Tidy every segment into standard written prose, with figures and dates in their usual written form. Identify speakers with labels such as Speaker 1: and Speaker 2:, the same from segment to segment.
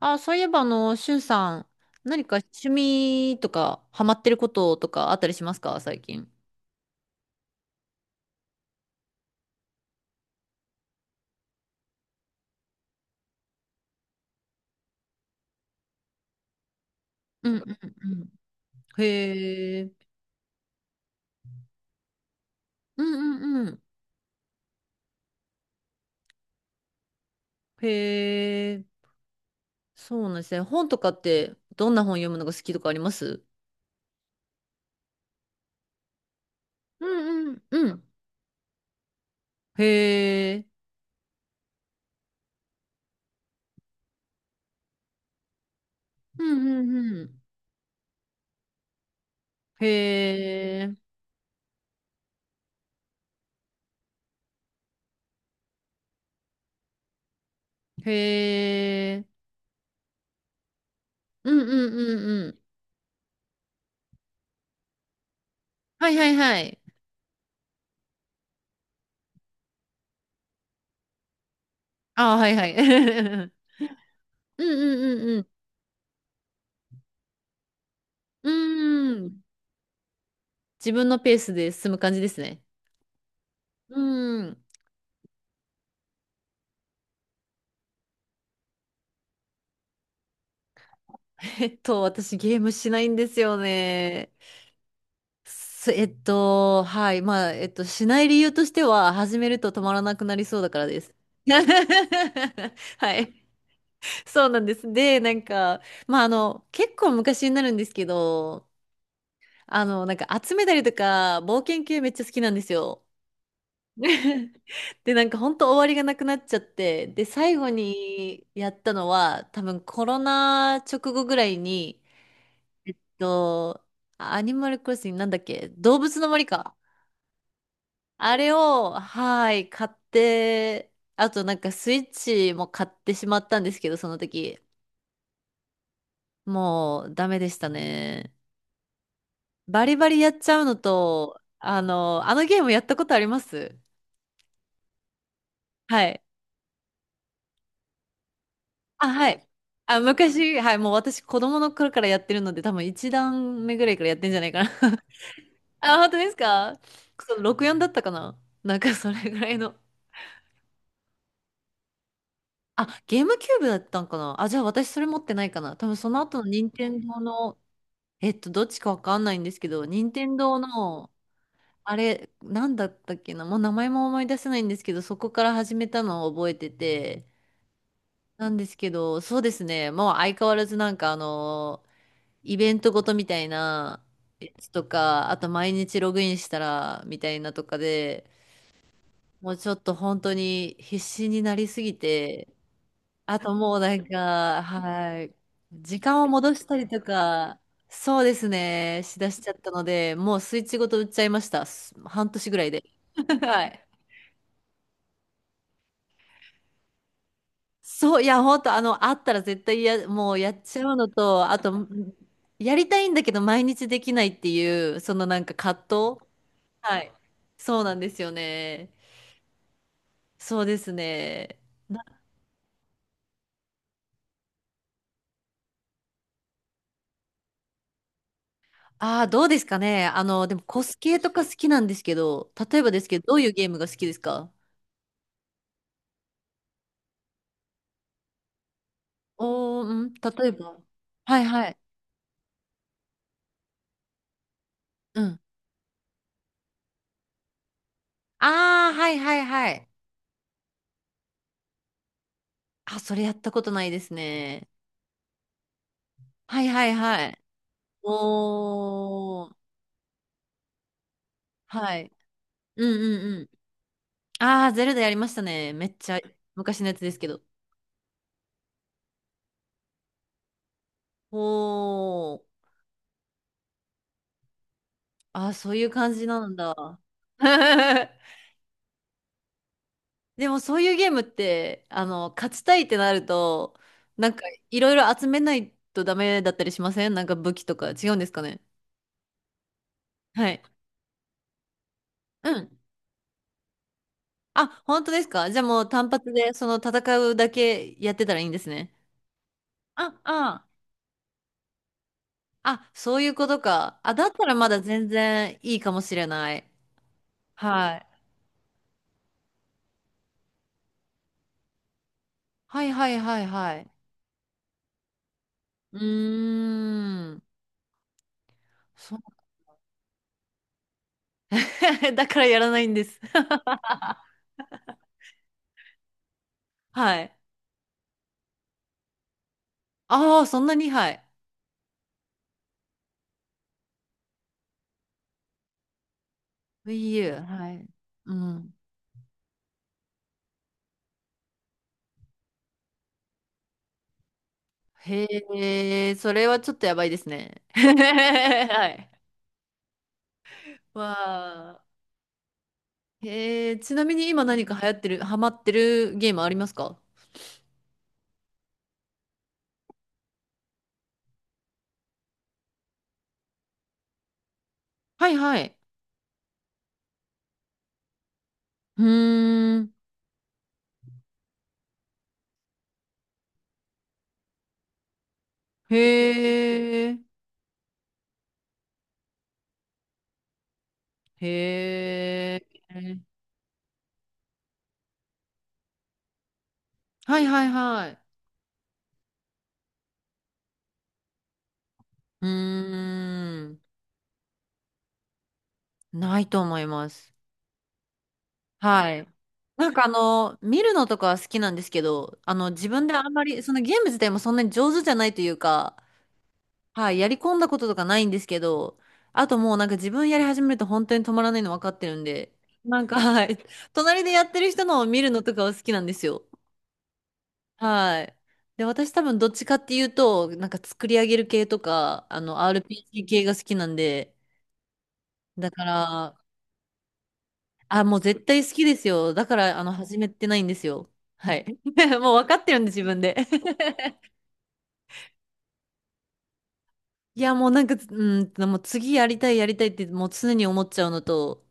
Speaker 1: あ、そういえば、しゅんさん、何か趣味とか、ハマってることとかあったりしますか、最近。うんうんうん。へえ。うんうんうん。へえ。そうなんですね。本とかって、どんな本読むのが好きとかありますうんうんうん。へえ。うんうんうん。へえ。へえ。うんうんうんうん。はいはいはい。ああ、はいはい。うんうんうんうん。うーん。自分のペースで進む感じですね。うーん。私ゲームしないんですよね。すはい。まあ、しない理由としては、始めると止まらなくなりそうだからです。はい。そうなんです。で、なんか、まあ、結構昔になるんですけど、なんか集めたりとか、冒険系めっちゃ好きなんですよ。で、なんか本当終わりがなくなっちゃって、で、最後にやったのは、多分コロナ直後ぐらいに、えっと、アニマルクロスになんだっけ、動物の森か。あれを、はい、買って、あとなんかスイッチも買ってしまったんですけど、その時。もうダメでしたね。バリバリやっちゃうのと、あのゲームやったことありますはい。あ、はい。あ、昔、はい、もう私子供の頃からやってるので、多分一段目ぐらいからやってんじゃないかな。あ、本当ですかそう、64だったかななんかそれぐらいの。あ、ゲームキューブだったんかなあ、じゃあ私それ持ってないかな多分その後の任天堂の、どっちかわかんないんですけど、任天堂の、あれ、なんだったっけなもう名前も思い出せないんですけど、そこから始めたのを覚えてて、なんですけど、そうですね、もう相変わらずなんかあのイベントごとみたいなやつとか、あと毎日ログインしたらみたいなとかで、もうちょっと本当に必死になりすぎて、あともうなんか、はい、時間を戻したりとか、そうですね、しだしちゃったので、もうスイッチごと売っちゃいました。す半年ぐらいで。はい。そう、いや、本当あったら絶対や、もうやっちゃうのと、あと、やりたいんだけど毎日できないっていう、そのなんか葛藤。はい。そうなんですよね。そうですね。ああー、どうですかね。でもコス系とか好きなんですけど、例えばですけど、どういうゲームが好きですかおー、うん、例えば。はいはい。うん。ああ、はいはいはい。あ、それやったことないですね。はいはいはい。おー、はい。うんうんうん。ああ、ゼルダやりましたね。めっちゃ昔のやつですけど。おー、ああ、そういう感じなんだ。でもそういうゲームって、勝ちたいってなると、なんかいろいろ集めないとダメだったりしませんなんか武器とか違うんですかねはい。うん。あ、本当ですかじゃあもう単発でその戦うだけやってたらいいんですね。あ、あ、あ、そういうことか。あ、だったらまだ全然いいかもしれない。はい。はいはいはいはい。うーん。そう だからやらないんです。はい。ああ、そんなに、はい。VU、はい。うん。へえ、それはちょっとやばいですね。はい。わあ。へえ、ちなみに今何か流行ってる、ハマってるゲームありますかはいはい。うーん。へえ。へえ。はいはいはい。うーん。ないと思います。はい。なんかあの、見るのとかは好きなんですけど、自分であんまり、そのゲーム自体もそんなに上手じゃないというか、はい、やり込んだこととかないんですけど、あともうなんか自分やり始めると本当に止まらないの分かってるんで、なんか、はい、隣でやってる人のを見るのとかは好きなんですよ。はい。で、私多分どっちかっていうと、なんか作り上げる系とか、RPG 系が好きなんで、だから、あ、もう絶対好きですよ。だから、始めてないんですよ。はい。もう分かってるんで、自分で。いや、もうなんか、うん、もう次やりたい、やりたいって、もう常に思っちゃうのと、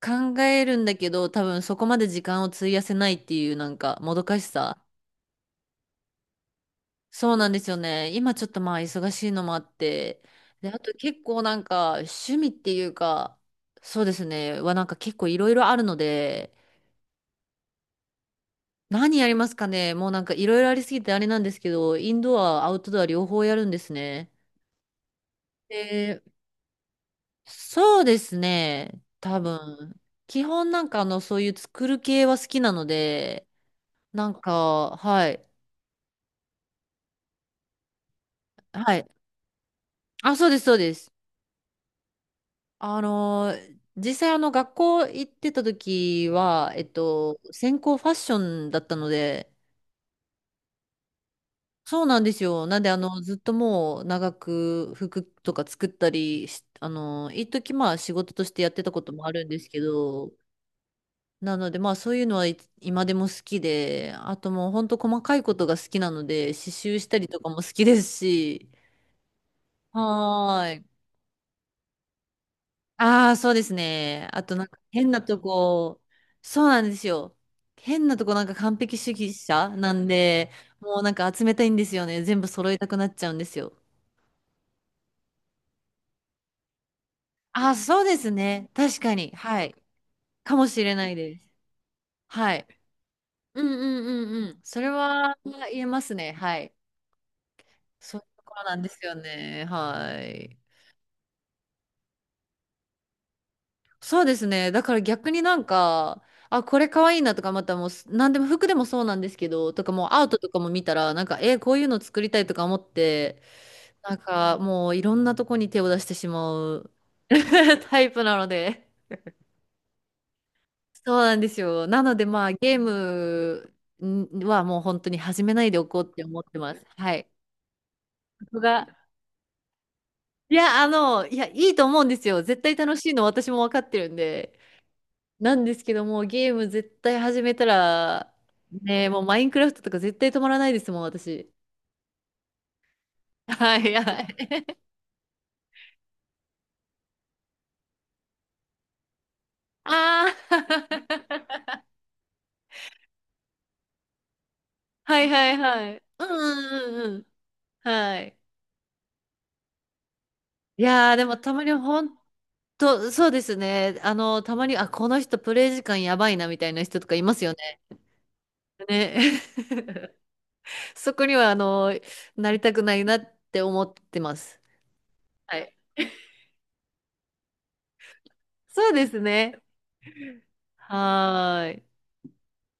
Speaker 1: 考えるんだけど、多分そこまで時間を費やせないっていうなんかもどかしさ。そうなんですよね。今ちょっとまあ忙しいのもあって。で、あと結構なんか趣味っていうか、そうですね。はなんか結構いろいろあるので、何やりますかね。もうなんかいろいろありすぎてあれなんですけど、インドア、アウトドア両方やるんですね。で、そうですね。多分。基本なんかあの、そういう作る系は好きなので、なんか、はい。はい。あ、そうです、そうです。実際あの、学校行ってた時は、専攻ファッションだったので、そうなんですよ。なんで、ずっともう長く服とか作ったりし、一時まあ仕事としてやってたこともあるんですけど、なのでまあそういうのはい今でも好きで、あともうほんと細かいことが好きなので、刺繍したりとかも好きですし、はーい。ああ、そうですね。あとなんか変なとこ、そうなんですよ。変なとこなんか完璧主義者なんで、もうなんか集めたいんですよね。全部揃えたくなっちゃうんですよ。ああ、そうですね。確かに。はい。かもしれないです。はい。うんうんうんうん。それは言えますね。はい。そういうところなんですよね。はい。そうですね。だから逆になんか、あ、これ可愛いなとか、またもう、なんでも服でもそうなんですけど、とかもうアウトとかも見たら、なんか、えーこういうの作りたいとか思って、なんかもういろんなとこに手を出してしまう タイプなので。そうなんですよ。なのでまあ、ゲームんはもう本当に始めないでおこうって思ってます。はい。僕が、いや、いや、いいと思うんですよ。絶対楽しいの私も分かってるんで。なんですけども、ゲーム絶対始めたら、ね、もうマインクラフトとか絶対止まらないですもん、私。はいはい。ああ、はいはいはい。うんうんうんうん。はい。いやー、でもたまにほんと、そうですね。たまに、あ、この人プレイ時間やばいなみたいな人とかいますよね。ね。そこには、なりたくないなって思ってます。はい。そうですね。はーい。